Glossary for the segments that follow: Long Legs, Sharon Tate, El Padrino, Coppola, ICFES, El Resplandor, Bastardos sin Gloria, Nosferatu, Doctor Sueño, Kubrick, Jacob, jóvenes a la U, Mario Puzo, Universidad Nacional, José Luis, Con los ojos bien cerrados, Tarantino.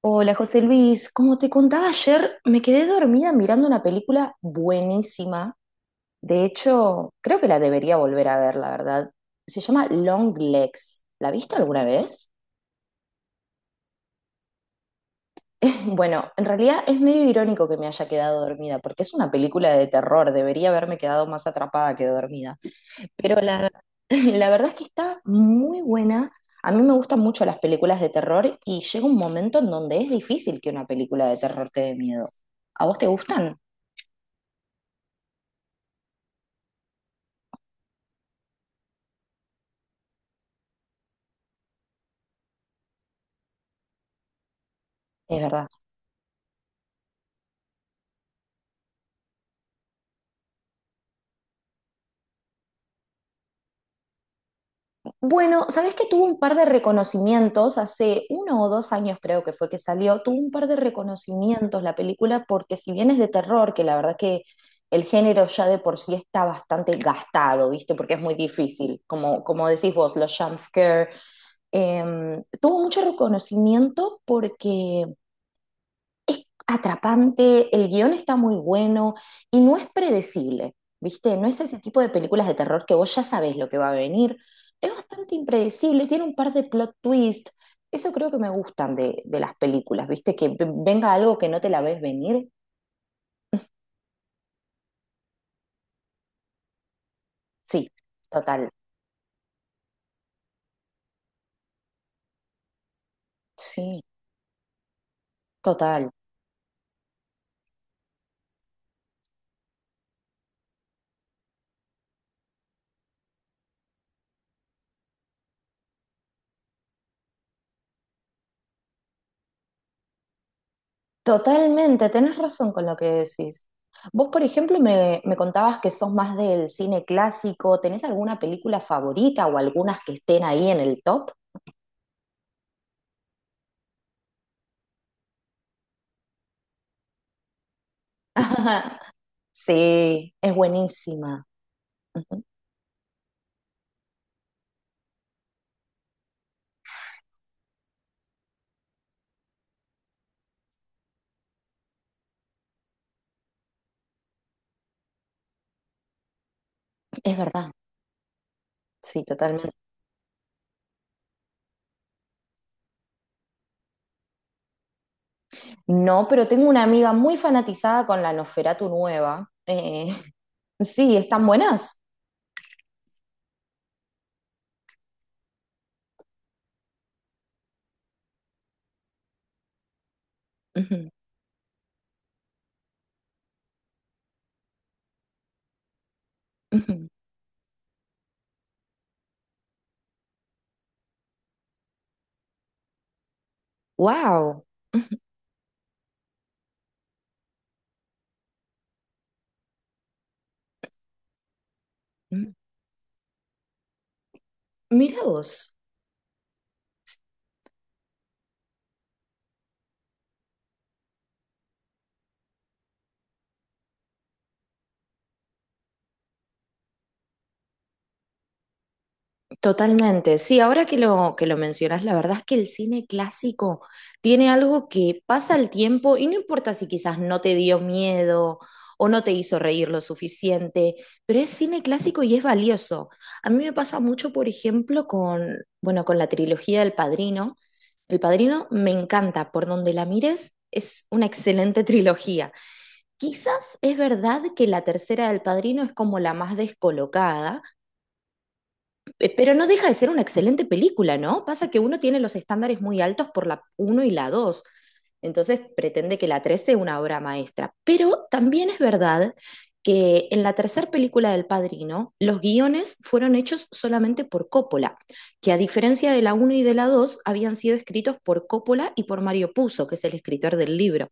Hola José Luis, como te contaba ayer, me quedé dormida mirando una película buenísima. De hecho, creo que la debería volver a ver, la verdad. Se llama Long Legs. ¿La viste alguna vez? Bueno, en realidad es medio irónico que me haya quedado dormida, porque es una película de terror. Debería haberme quedado más atrapada que dormida. Pero la, la verdad es que está muy buena. A mí me gustan mucho las películas de terror y llega un momento en donde es difícil que una película de terror te dé miedo. ¿A vos te gustan? Es verdad. Bueno, ¿sabés que tuvo un par de reconocimientos? Hace uno o dos años creo que fue que salió, tuvo un par de reconocimientos la película porque si bien es de terror, que la verdad que el género ya de por sí está bastante gastado, ¿viste? Porque es muy difícil, como, como decís vos, los jumpscare. Tuvo mucho reconocimiento porque es atrapante, el guión está muy bueno y no es predecible, ¿viste? No es ese tipo de películas de terror que vos ya sabés lo que va a venir. Es bastante impredecible, tiene un par de plot twists. Eso creo que me gustan de las películas, ¿viste? Venga algo que no te la ves venir. Sí, total. Sí, total. Totalmente, tenés razón con lo que decís. Vos, por ejemplo, me contabas que sos más del cine clásico. ¿Tenés alguna película favorita o algunas que estén ahí en el top? Ajá. Sí, es buenísima. Ujú, es verdad, sí, totalmente. No, pero tengo una amiga muy fanatizada con la Nosferatu nueva. Sí, están buenas. Wow. Mira vos. Totalmente, sí, ahora que lo mencionas, la verdad es que el cine clásico tiene algo que pasa el tiempo y no importa si quizás no te dio miedo o no te hizo reír lo suficiente, pero es cine clásico y es valioso. A mí me pasa mucho, por ejemplo, con, bueno, con la trilogía del Padrino. El Padrino me encanta, por donde la mires, es una excelente trilogía. Quizás es verdad que la tercera del Padrino es como la más descolocada. Pero no deja de ser una excelente película, ¿no? Pasa que uno tiene los estándares muy altos por la uno y la dos. Entonces pretende que la 3 sea una obra maestra. Pero también es verdad que en la tercera película del Padrino, los guiones fueron hechos solamente por Coppola, que a diferencia de la uno y de la 2 habían sido escritos por Coppola y por Mario Puzo, que es el escritor del libro.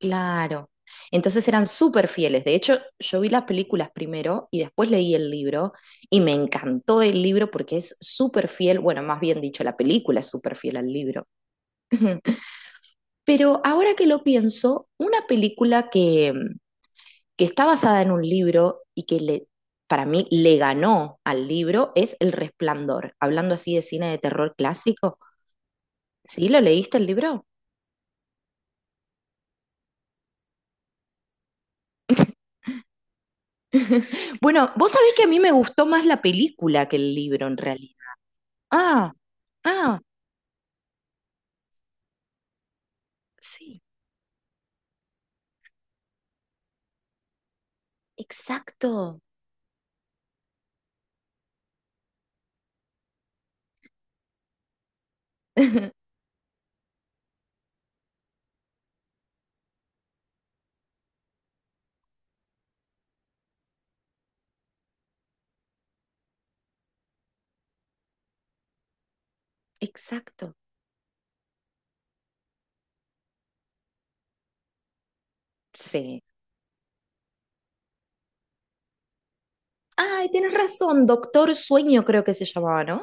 Claro. Entonces eran súper fieles. De hecho, yo vi las películas primero y después leí el libro y me encantó el libro porque es súper fiel, bueno, más bien dicho, la película es súper fiel al libro. Pero ahora que lo pienso, una película que está basada en un libro y que le, para mí le ganó al libro es El Resplandor, hablando así de cine de terror clásico. ¿Sí? ¿Lo leíste el libro? Bueno, vos sabés que a mí me gustó más la película que el libro en realidad. Ah, ah, sí, exacto, exacto, sí. Ay, tienes razón, Doctor Sueño creo que se llamaba, ¿no?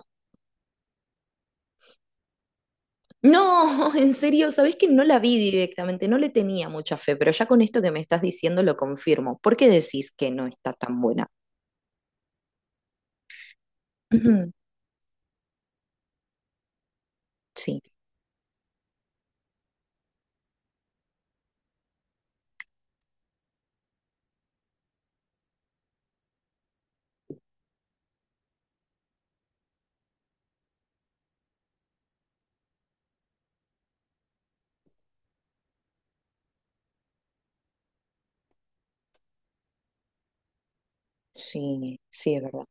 No, en serio, ¿sabés que no la vi directamente? No le tenía mucha fe, pero ya con esto que me estás diciendo lo confirmo. ¿Por qué decís que no está tan buena? Ujú, sí. Sí, sí, es verdad.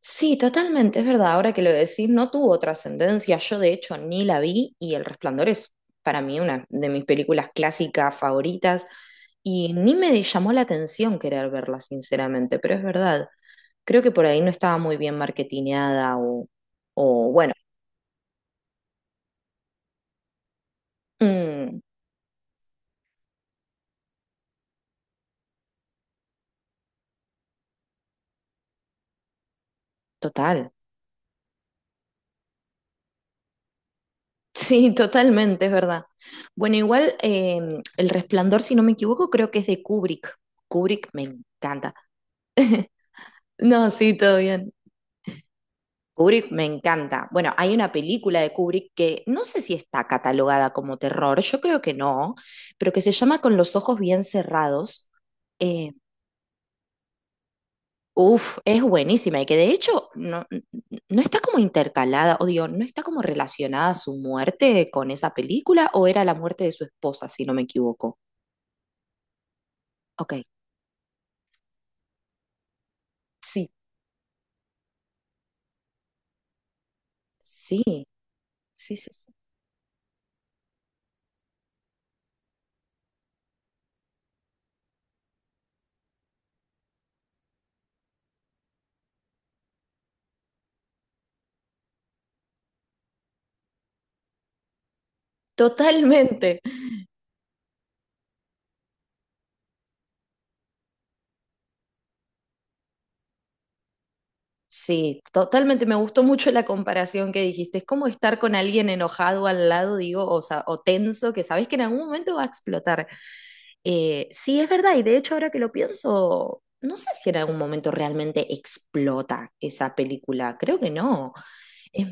Sí, totalmente, es verdad. Ahora que lo decís, no tuvo trascendencia. Yo, de hecho, ni la vi y El Resplandor es para mí una de mis películas clásicas favoritas y ni me llamó la atención querer verla, sinceramente, pero es verdad. Creo que por ahí no estaba muy bien marketineada o bueno, mm, total. Sí, totalmente, es verdad. Bueno, igual El Resplandor, si no me equivoco, creo que es de Kubrick. Kubrick me encanta. No, sí, todo bien. Kubrick me encanta. Bueno, hay una película de Kubrick que no sé si está catalogada como terror, yo creo que no, pero que se llama Con los ojos bien cerrados. Eh, Uf, es buenísima y que de hecho no, no está como intercalada, o digo, no está como relacionada su muerte con esa película, o era la muerte de su esposa, si no me equivoco. Ok, sí, sí, sí, sí, sí. Totalmente. Sí, totalmente. Me gustó mucho la comparación que dijiste. Es como estar con alguien enojado al lado, digo, o, o tenso, que sabes que en algún momento va a explotar. Sí, es verdad. Y de hecho, ahora que lo pienso, no sé si en algún momento realmente explota esa película. Creo que no. Es-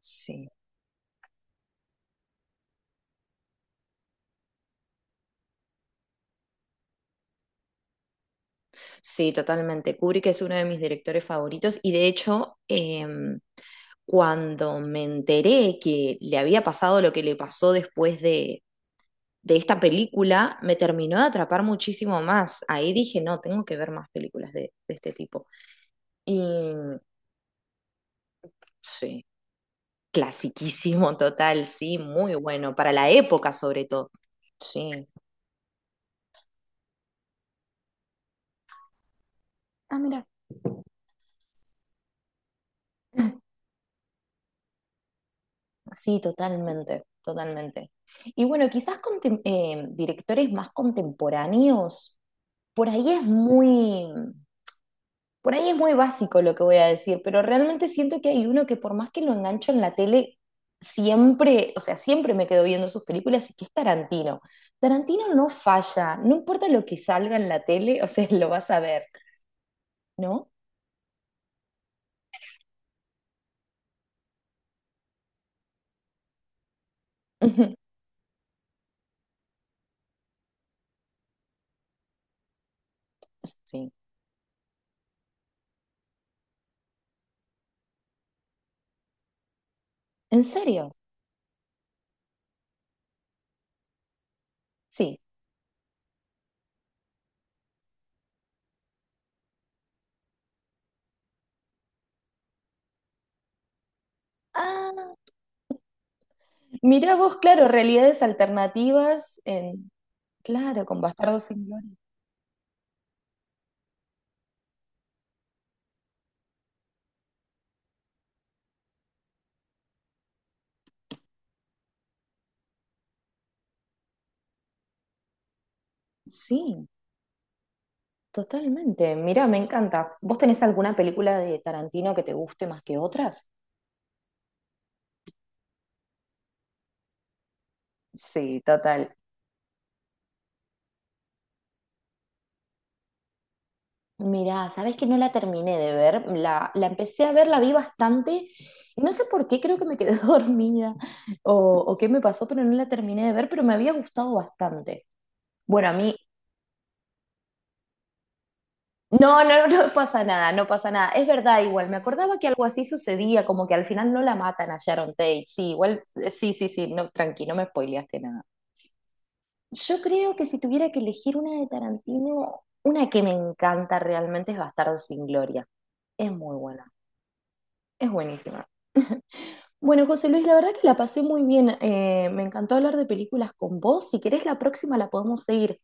sí, sí, totalmente. Kubrick es uno de mis directores favoritos y de hecho... cuando me enteré que le había pasado lo que le pasó después de esta película me terminó de atrapar muchísimo más. Ahí dije, no, tengo que ver más películas de este tipo. Y sí, clasiquísimo total, sí, muy bueno, para la época sobre todo. Sí. Ah, mira. Sí, totalmente, totalmente. Y bueno, quizás directores más contemporáneos, por ahí es muy, por ahí es muy básico lo que voy a decir, pero realmente siento que hay uno que por más que lo engancho en la tele, siempre, o sea, siempre me quedo viendo sus películas y que es Tarantino. Tarantino no falla, no importa lo que salga en la tele, o sea, lo vas a ver, ¿no? Ujú, sí. ¿En serio? Sí. Ah, mirá vos, claro, realidades alternativas en, claro, con Bastardos sin Gloria. Sí, totalmente. Mira, me encanta. ¿Vos tenés alguna película de Tarantino que te guste más que otras? Sí, total. Mirá, sabes que no la terminé de ver, la empecé a ver, la vi bastante, y no sé por qué, creo que me quedé dormida o, o qué me pasó, pero no la terminé de ver, pero me había gustado bastante. Bueno, a mí, no, no, no pasa nada, no pasa nada, es verdad igual, me acordaba que algo así sucedía, como que al final no la matan a Sharon Tate, sí, igual, sí, sí, sí, no, tranqui, no me spoileaste nada. Yo creo que si tuviera que elegir una de Tarantino, una que me encanta realmente es Bastardo sin Gloria, es muy buena. Es buenísima. Bueno, José Luis, la verdad que la pasé muy bien. Me encantó hablar de películas con vos. Si querés, la próxima la podemos seguir.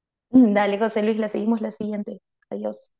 Dale, José Luis, la seguimos la siguiente. Adiós.